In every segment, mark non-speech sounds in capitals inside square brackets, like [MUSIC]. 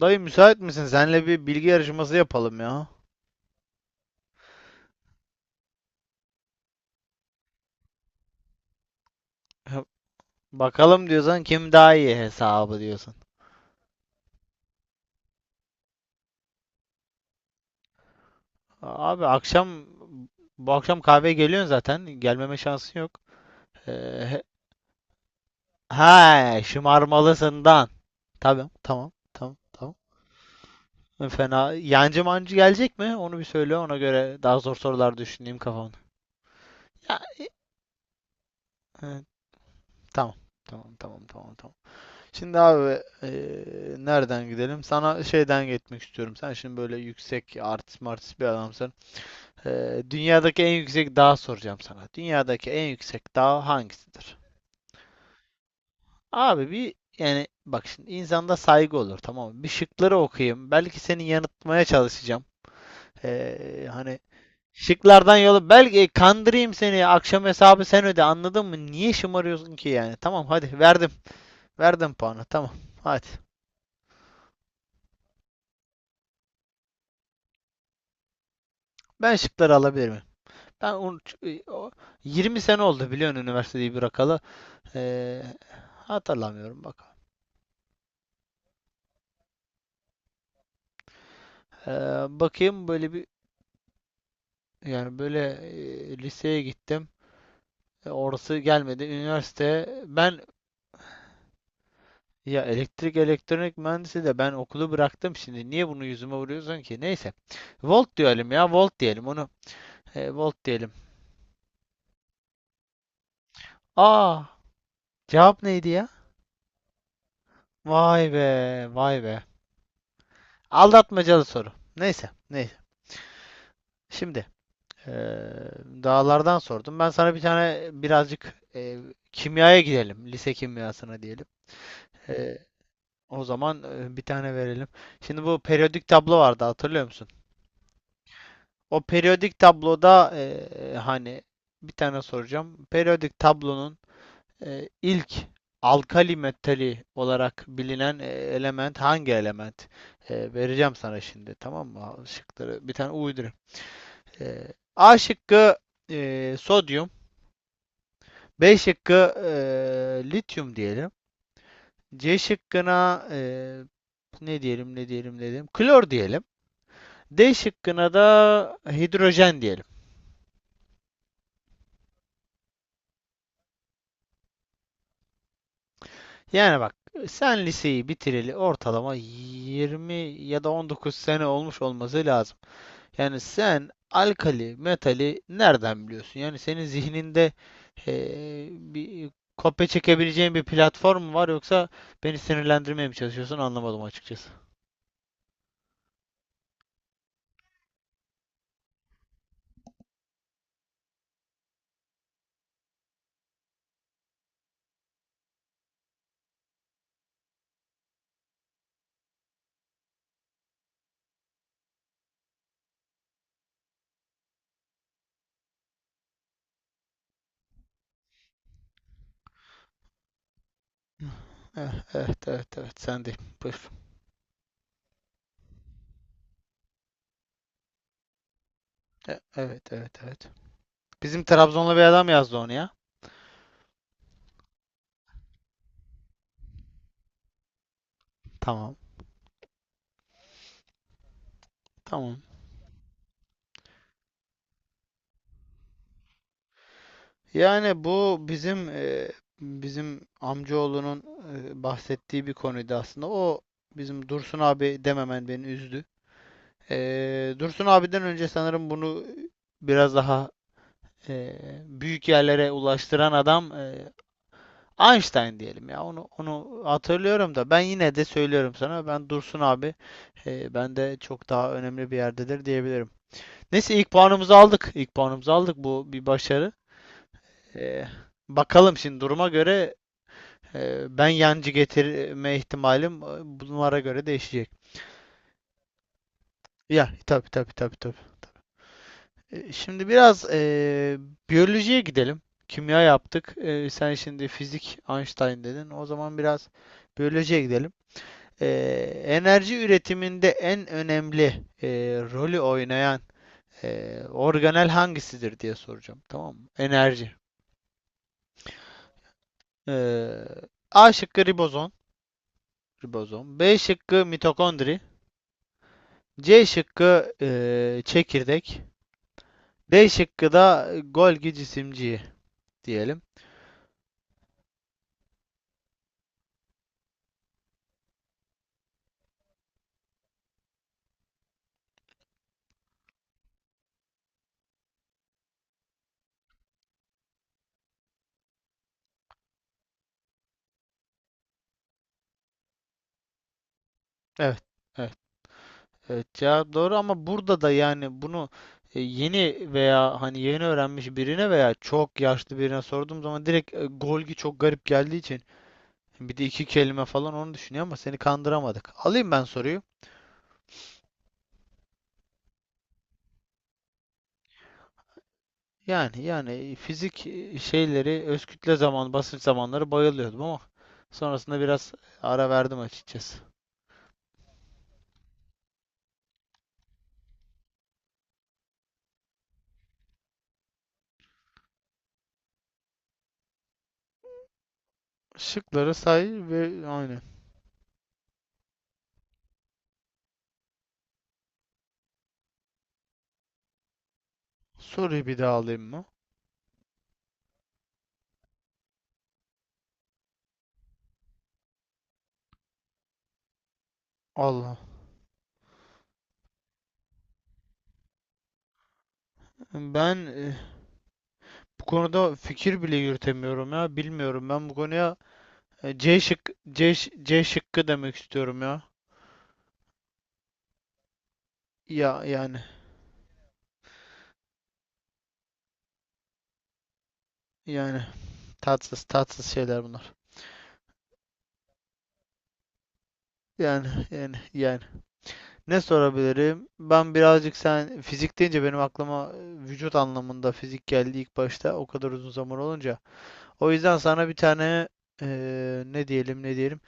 Dayı müsait misin? Senle bir bilgi yarışması yapalım ya. [LAUGHS] Bakalım diyorsan kim daha iyi hesabı diyorsun. Abi, bu akşam kahveye geliyorsun zaten. Gelmeme şansın yok. Ee, he, şımarmalısından. Tamam, tamam, tamam, tamam. Fena. Yancı mancı gelecek mi? Onu bir söyle. Ona göre daha zor sorular düşüneyim kafamda. Ya, e, tamam, tamam, tamam, tamam, tamam. Şimdi abi, nereden gidelim? Sana şeyden gitmek istiyorum. Sen şimdi böyle yüksek artist martist bir adamsın. Dünyadaki en yüksek dağ soracağım sana. Dünyadaki en yüksek dağ hangisidir? Abi, bir yani bak şimdi insanda saygı olur, tamam mı? Bir şıkları okuyayım. Belki seni yanıltmaya çalışacağım. Hani şıklardan yolu belki kandırayım seni. Akşam hesabı sen öde, anladın mı? Niye şımarıyorsun ki yani? Tamam, hadi verdim. Verdim puanı, tamam. Hadi. Ben şıkları alabilirim. Ben onu e, 20 sene oldu biliyorsun üniversiteyi bırakalı. Ee, Hatırlamıyorum bak. Ee, Bakayım böyle bir, yani böyle, liseye gittim. Orası gelmedi. Üniversite ben, ya elektrik elektronik mühendisi de ben okulu bıraktım şimdi. Niye bunu yüzüme vuruyorsun ki? Neyse. Volt diyelim ya. Volt diyelim onu. Volt diyelim. Aa, cevap neydi ya? Vay be, vay be. Aldatmacalı soru. Neyse, neyse. Şimdi, Eee, dağlardan sordum. Ben sana bir tane birazcık, kimyaya gidelim. Lise kimyasına diyelim. Eee, O zaman, bir tane verelim. Şimdi bu periyodik tablo vardı, hatırlıyor musun? O periyodik tabloda, hani bir tane soracağım. Periyodik tablonun, ilk alkali metali olarak bilinen, element hangi element? Vereceğim sana şimdi, tamam mı? Şıkları bir tane uydurayım. Eee, A şıkkı, sodyum. B şıkkı, lityum diyelim. C şıkkına, ne diyelim dedim, klor diyelim. D şıkkına da hidrojen diyelim. Yani bak, sen liseyi bitireli ortalama 20 ya da 19 sene olmuş olması lazım. Yani sen alkali, metali nereden biliyorsun? Yani senin zihninde, bir kopya çekebileceğin bir platform mu var, yoksa beni sinirlendirmeye mi çalışıyorsun anlamadım açıkçası. Eh, Evet, evet, evet, sen değil. Buyur. Evet, evet, evet. Bizim Trabzonlu bir adam yazdı onu ya. Tamam. Tamam. Yani bu bizim, bizim amcaoğlunun bahsettiği bir konuydu aslında. O bizim Dursun abi dememen beni üzdü. Dursun abiden önce sanırım bunu biraz daha e, büyük yerlere ulaştıran adam, Einstein diyelim ya, onu hatırlıyorum da ben yine de söylüyorum sana, ben Dursun abi, ben de çok daha önemli bir yerdedir diyebilirim. Neyse, ilk puanımızı aldık. İlk puanımızı aldık. Bu bir başarı. E, Bakalım şimdi duruma göre, ben yancı getirme ihtimalim, bunlara göre değişecek. Ya, tabii, tabii, tabii, tabii. Şimdi biraz, biyolojiye gidelim. Kimya yaptık. Sen şimdi fizik, Einstein dedin. O zaman biraz biyolojiye gidelim. e, Enerji üretiminde en önemli rolü oynayan organel hangisidir diye soracağım. Tamam mı? Enerji. E, A şıkkı ribozom. B şıkkı mitokondri. C şıkkı çekirdek. D şıkkı da Golgi cisimciği diyelim. Evet, evet, evet. Cevap doğru ama burada da yani bunu, yeni veya hani yeni öğrenmiş birine veya çok yaşlı birine sorduğum zaman direkt, Golgi çok garip geldiği için bir de iki kelime falan onu düşünüyor, ama seni kandıramadık. Alayım ben soruyu. Yani, fizik şeyleri, öz kütle, zaman, basınç zamanları bayılıyordum ama sonrasında biraz ara verdim açıkçası. Şıkları say ve aynı. Soruyu bir daha alayım mı? Allah. Ben, bu konuda fikir bile yürütemiyorum ya. Bilmiyorum ben bu konuya. e, C şık C, C şıkkı demek istiyorum ya. Ya, yani tatsız tatsız şeyler bunlar. Yani, yani, yani. Ne sorabilirim? Ben birazcık, sen fizik deyince benim aklıma vücut anlamında fizik geldi ilk başta, o kadar uzun zaman olunca. O yüzden sana bir tane, e, ne diyelim ne diyelim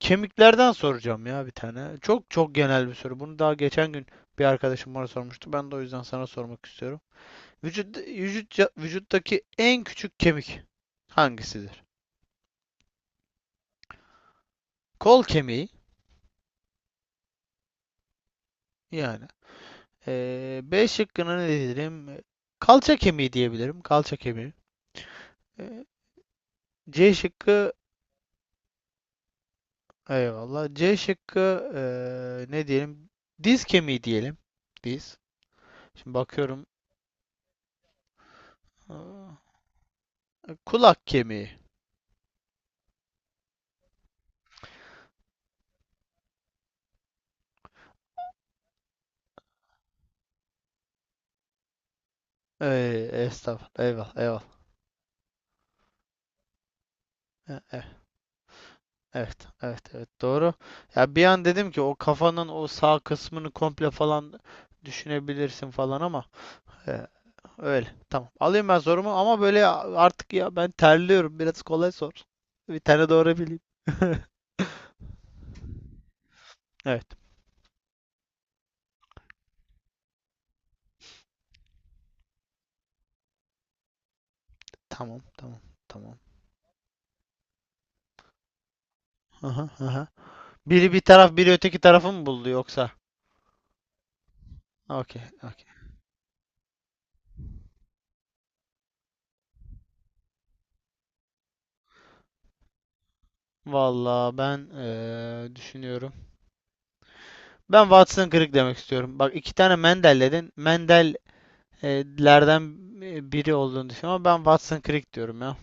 kemiklerden soracağım ya bir tane. Çok çok genel bir soru. Bunu daha geçen gün bir arkadaşım bana sormuştu. Ben de o yüzden sana sormak istiyorum. Vücuttaki en küçük kemik hangisidir? Kol kemiği yani. B şıkkına ne diyelim? Kalça kemiği diyebilirim. Kalça kemiği. Ee, C şıkkı, eyvallah. C şıkkı, ne diyelim? Diz kemiği diyelim. Diz. Şimdi bakıyorum. Kulak kemiği. Ey, estağfurullah. Eyvallah. Eyvallah. E- e- Evet, evet, evet, doğru. Ya bir an dedim ki, o kafanın o sağ kısmını komple falan düşünebilirsin falan ama, e, öyle. Tamam. Alayım ben sorumu ama böyle artık ya, ben terliyorum. Biraz kolay sor. Bir tane doğru bileyim. [LAUGHS] Evet. Tamam, tamam, tamam. Aha, aha. Biri bir taraf, biri öteki tarafı mı buldu yoksa? Okey. Vallahi ben, düşünüyorum. Ben Watson kırık demek istiyorum. Bak iki tane Mendel dedin. Mendel'lerden biri olduğunu düşünüyorum ama ben Watson kırık diyorum ya.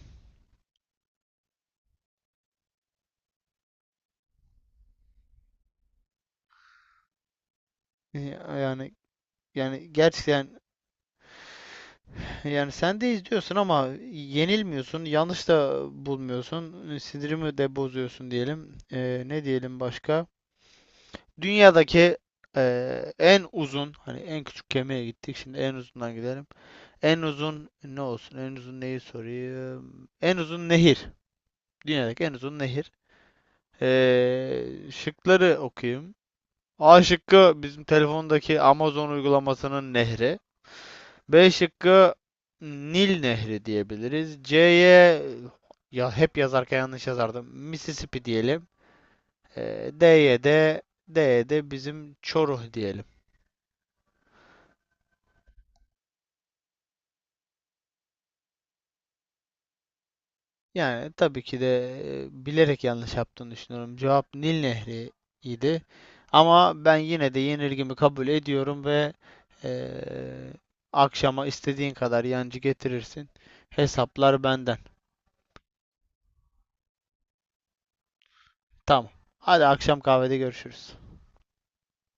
Yani yani, gerçekten, yani sen de izliyorsun ama yenilmiyorsun, yanlış da bulmuyorsun, sinirimi de bozuyorsun diyelim. Ne diyelim başka? Dünyadaki, en uzun, hani en küçük gemiye gittik, şimdi en uzundan gidelim. En uzun ne olsun? En uzun neyi sorayım? En uzun nehir. Dünyadaki en uzun nehir. Şıkları okuyayım. A şıkkı, bizim telefondaki Amazon uygulamasının nehri. B şıkkı, Nil Nehri diyebiliriz. C'ye, ya hep yazarken yanlış yazardım, Mississippi diyelim. Ee, D'ye de D'ye de bizim Çoruh diyelim. Yani tabii ki de bilerek yanlış yaptığını düşünüyorum. Cevap Nil Nehri idi. Ama ben yine de yenilgimi kabul ediyorum ve e, akşama istediğin kadar yancı getirirsin. Hesaplar benden. Tamam. Hadi akşam kahvede görüşürüz.